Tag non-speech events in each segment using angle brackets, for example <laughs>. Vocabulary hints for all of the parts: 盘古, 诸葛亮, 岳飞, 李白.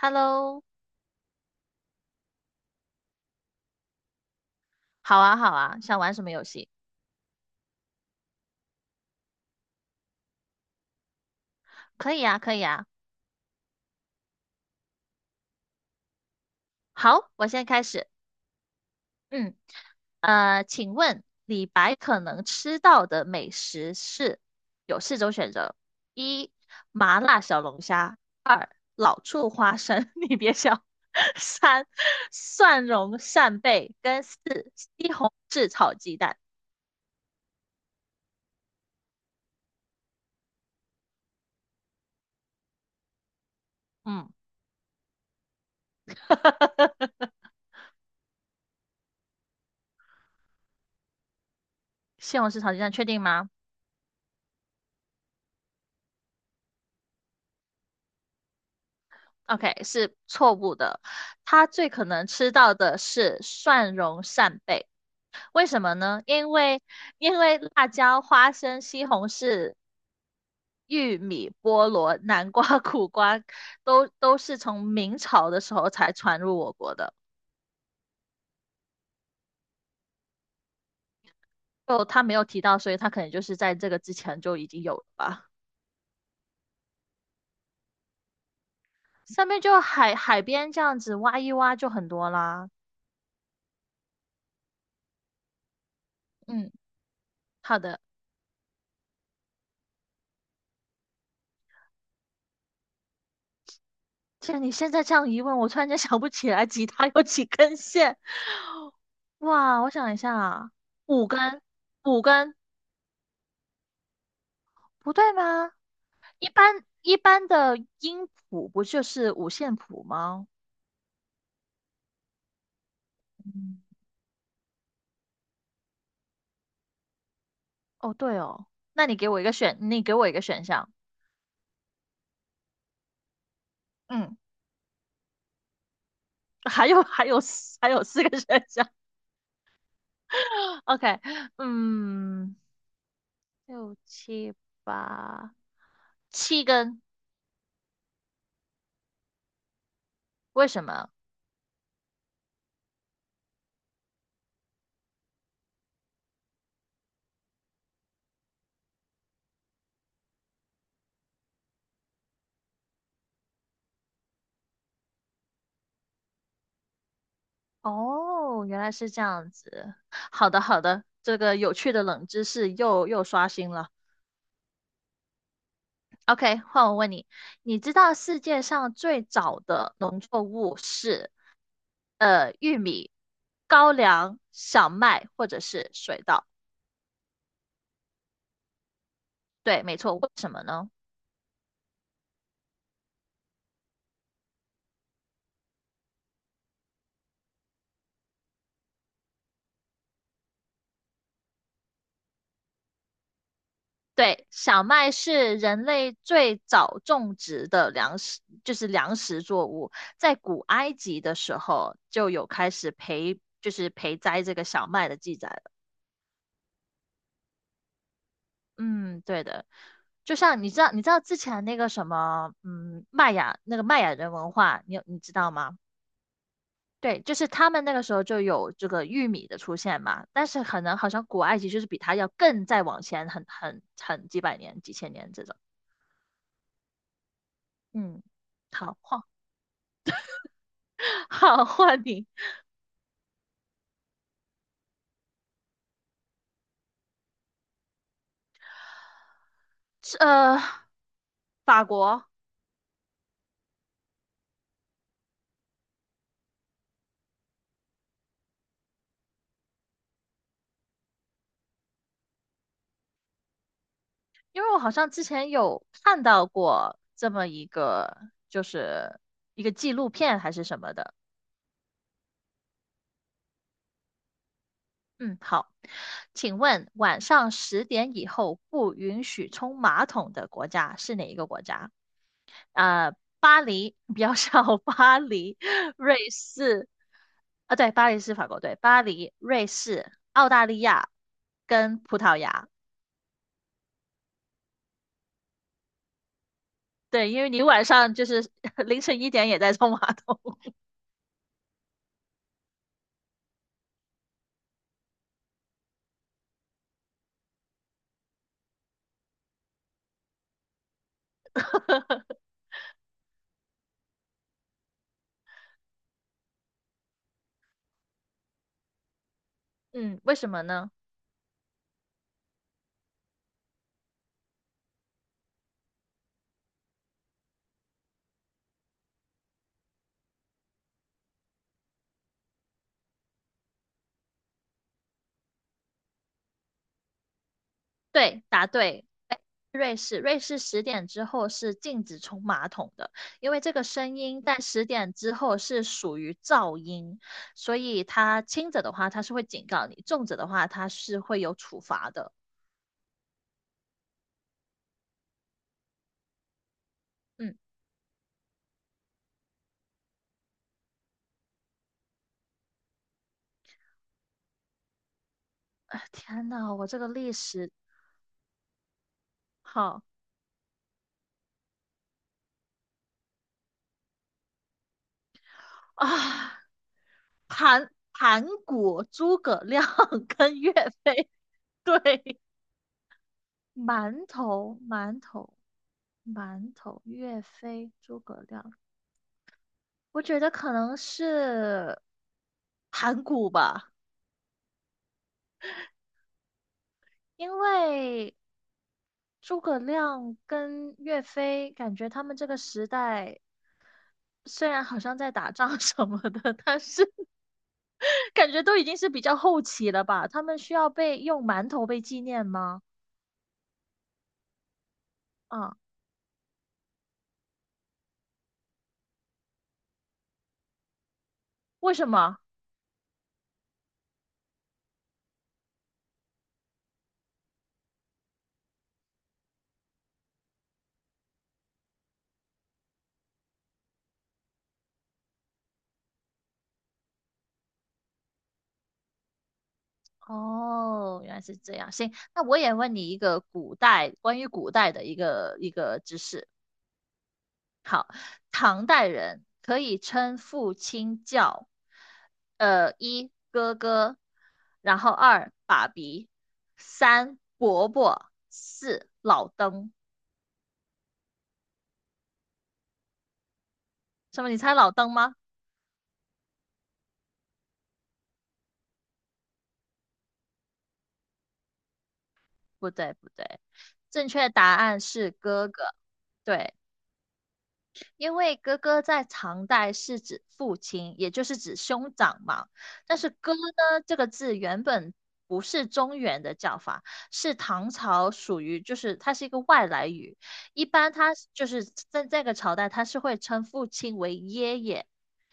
Hello，好啊，好啊，想玩什么游戏？可以啊，可以啊。好，我现在开始。嗯，请问李白可能吃到的美食是有四种选择：一、麻辣小龙虾；二、老醋花生，<laughs> 你别笑；<laughs> 三、蒜蓉扇贝；跟四、西红柿炒鸡蛋。嗯，<laughs> 西红柿炒鸡蛋确定吗？OK，是错误的。他最可能吃到的是蒜蓉扇贝，为什么呢？因为辣椒、花生、西红柿、玉米、菠萝、南瓜、<laughs> 苦瓜都是从明朝的时候才传入我国的。就他没有提到，所以他可能就是在这个之前就已经有了吧。上面就海边这样子挖一挖就很多啦。嗯，好的。既然你现在这样一问，我突然间想不起来吉他有几根线。哇，我想一下啊，五根，五根，不对吗？一般的音谱不就是五线谱吗？嗯，哦对哦，那你给我一个选，你给我一个选项。嗯，<laughs> 还有还有四个选项。<laughs> OK,嗯，六七八，七根，为什么？哦，原来是这样子。好的好的，这个有趣的冷知识又刷新了。OK,换我问你，你知道世界上最早的农作物是玉米、高粱、小麦或者是水稻？对，没错。为什么呢？对，小麦是人类最早种植的粮食，就是粮食作物。在古埃及的时候就有开始培，就是培栽这个小麦的记载了。嗯，对的，就像你知道之前那个什么，嗯，玛雅人文化，你知道吗？对，就是他们那个时候就有这个玉米的出现嘛，但是可能好像古埃及就是比它要更再往前很几百年、几千年这种。嗯，好，换 <laughs> 好，换你，是法国，因为我好像之前有看到过这么一个，就是一个纪录片还是什么的。嗯，好，请问晚上十点以后不允许冲马桶的国家是哪一个国家？呃，巴黎，比较笑，<laughs> 巴黎，瑞士，啊，对，巴黎是法国，对，巴黎、瑞士、澳大利亚跟葡萄牙，对，因为你晚上就是 <laughs> 凌晨1点也在冲马桶，<laughs> 嗯，为什么呢？对，答对。哎，瑞士，瑞士十点之后是禁止冲马桶的，因为这个声音在十点之后是属于噪音，所以它轻者的话它是会警告你，重者的话它是会有处罚的。嗯，啊，天呐，我这个历史好啊，盘古、诸葛亮 <laughs> 跟岳飞，对，馒头，馒头，馒头，岳飞，诸葛亮。我觉得可能是盘古吧，因为诸葛亮跟岳飞，感觉他们这个时代虽然好像在打仗 <laughs> 什么的，但是 <laughs> 感觉都已经是比较后期了吧？他们需要被用馒头被纪念吗？啊，为什么？哦，原来是这样。行，那我也问你一个古代关于古代的一个知识。唐代人可以称父亲叫，呃，一哥哥，然后二爸比，三伯伯，四老登。什么？你猜老登吗？不对，不对，正确答案是哥哥。对。因为哥哥在唐代是指父亲，也就是指兄长嘛。但是"哥"呢，这个字原本不是中原的叫法，是唐朝属于，就是它是一个外来语。一般它就是在这个朝代，它是会称父亲为爷爷。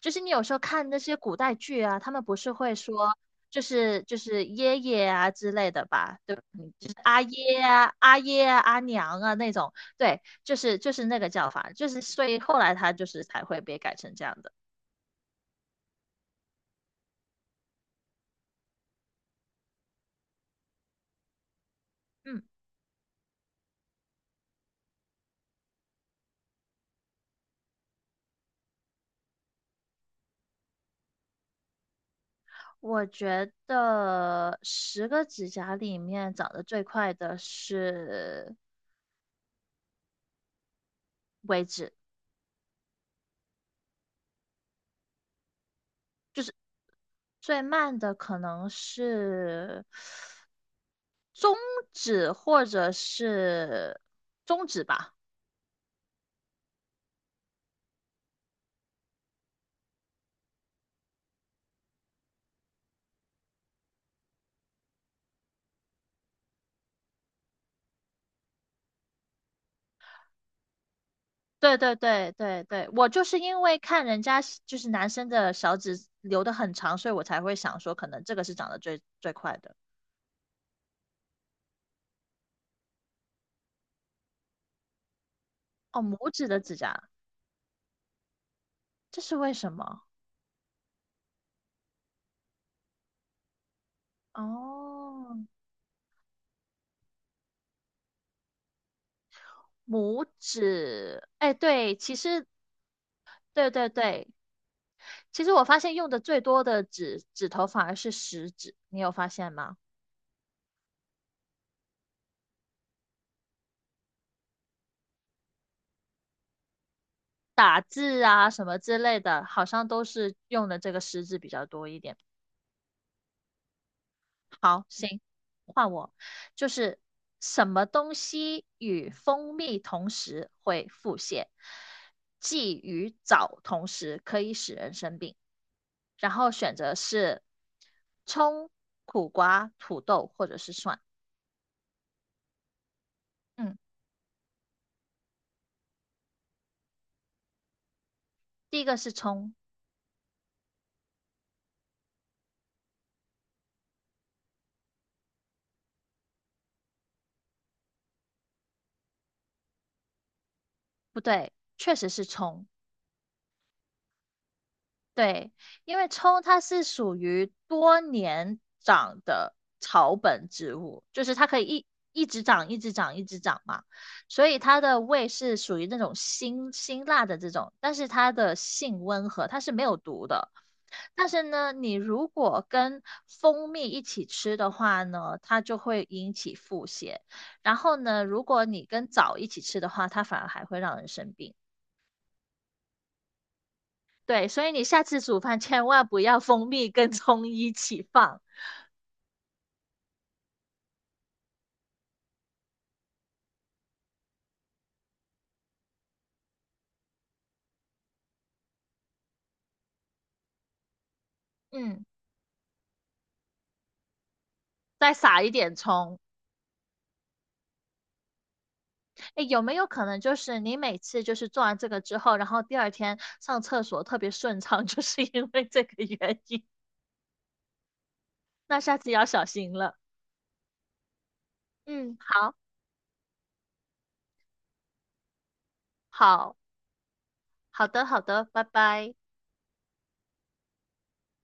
就是你有时候看那些古代剧啊，他们不是会说，就是爷爷啊之类的吧，对吧就是阿爷啊、阿爷啊、阿娘啊那种，对。就是那个叫法，就是所以后来它就是才会被改成这样的。嗯，我觉得10个指甲里面长得最快的是指，最慢的可能是指或者是中指吧。对对对对对，我就是因为看人家就是男生的小指留的很长，所以我才会想说可能这个是长得最快的。哦，拇指的指甲，这是为什么？哦，拇指，哎，对，其实，对对对，其实我发现用的最多的指头反而是食指，你有发现吗？打字啊什么之类的，好像都是用的这个食指比较多一点。好，行，换我，就是什么东西与蜂蜜同时会腹泻，忌与枣同时可以使人生病。然后选择是葱、苦瓜、土豆或者是蒜。嗯，第一个是葱，不对，确实是葱。对，因为葱它是属于多年长的草本植物，就是它可以一直长、一直长、一直长嘛，所以它的味是属于那种辛辣的这种，但是它的性温和，它是没有毒的。但是呢，你如果跟蜂蜜一起吃的话呢，它就会引起腹泻。然后呢，如果你跟枣一起吃的话，它反而还会让人生病。对，所以你下次煮饭千万不要蜂蜜跟葱一起放，嗯，再撒一点葱。诶，有没有可能就是你每次就是做完这个之后，然后第二天上厕所特别顺畅，<laughs> 就是因为这个原因？那下次要小心了。嗯，好，好，好的，好的，拜拜。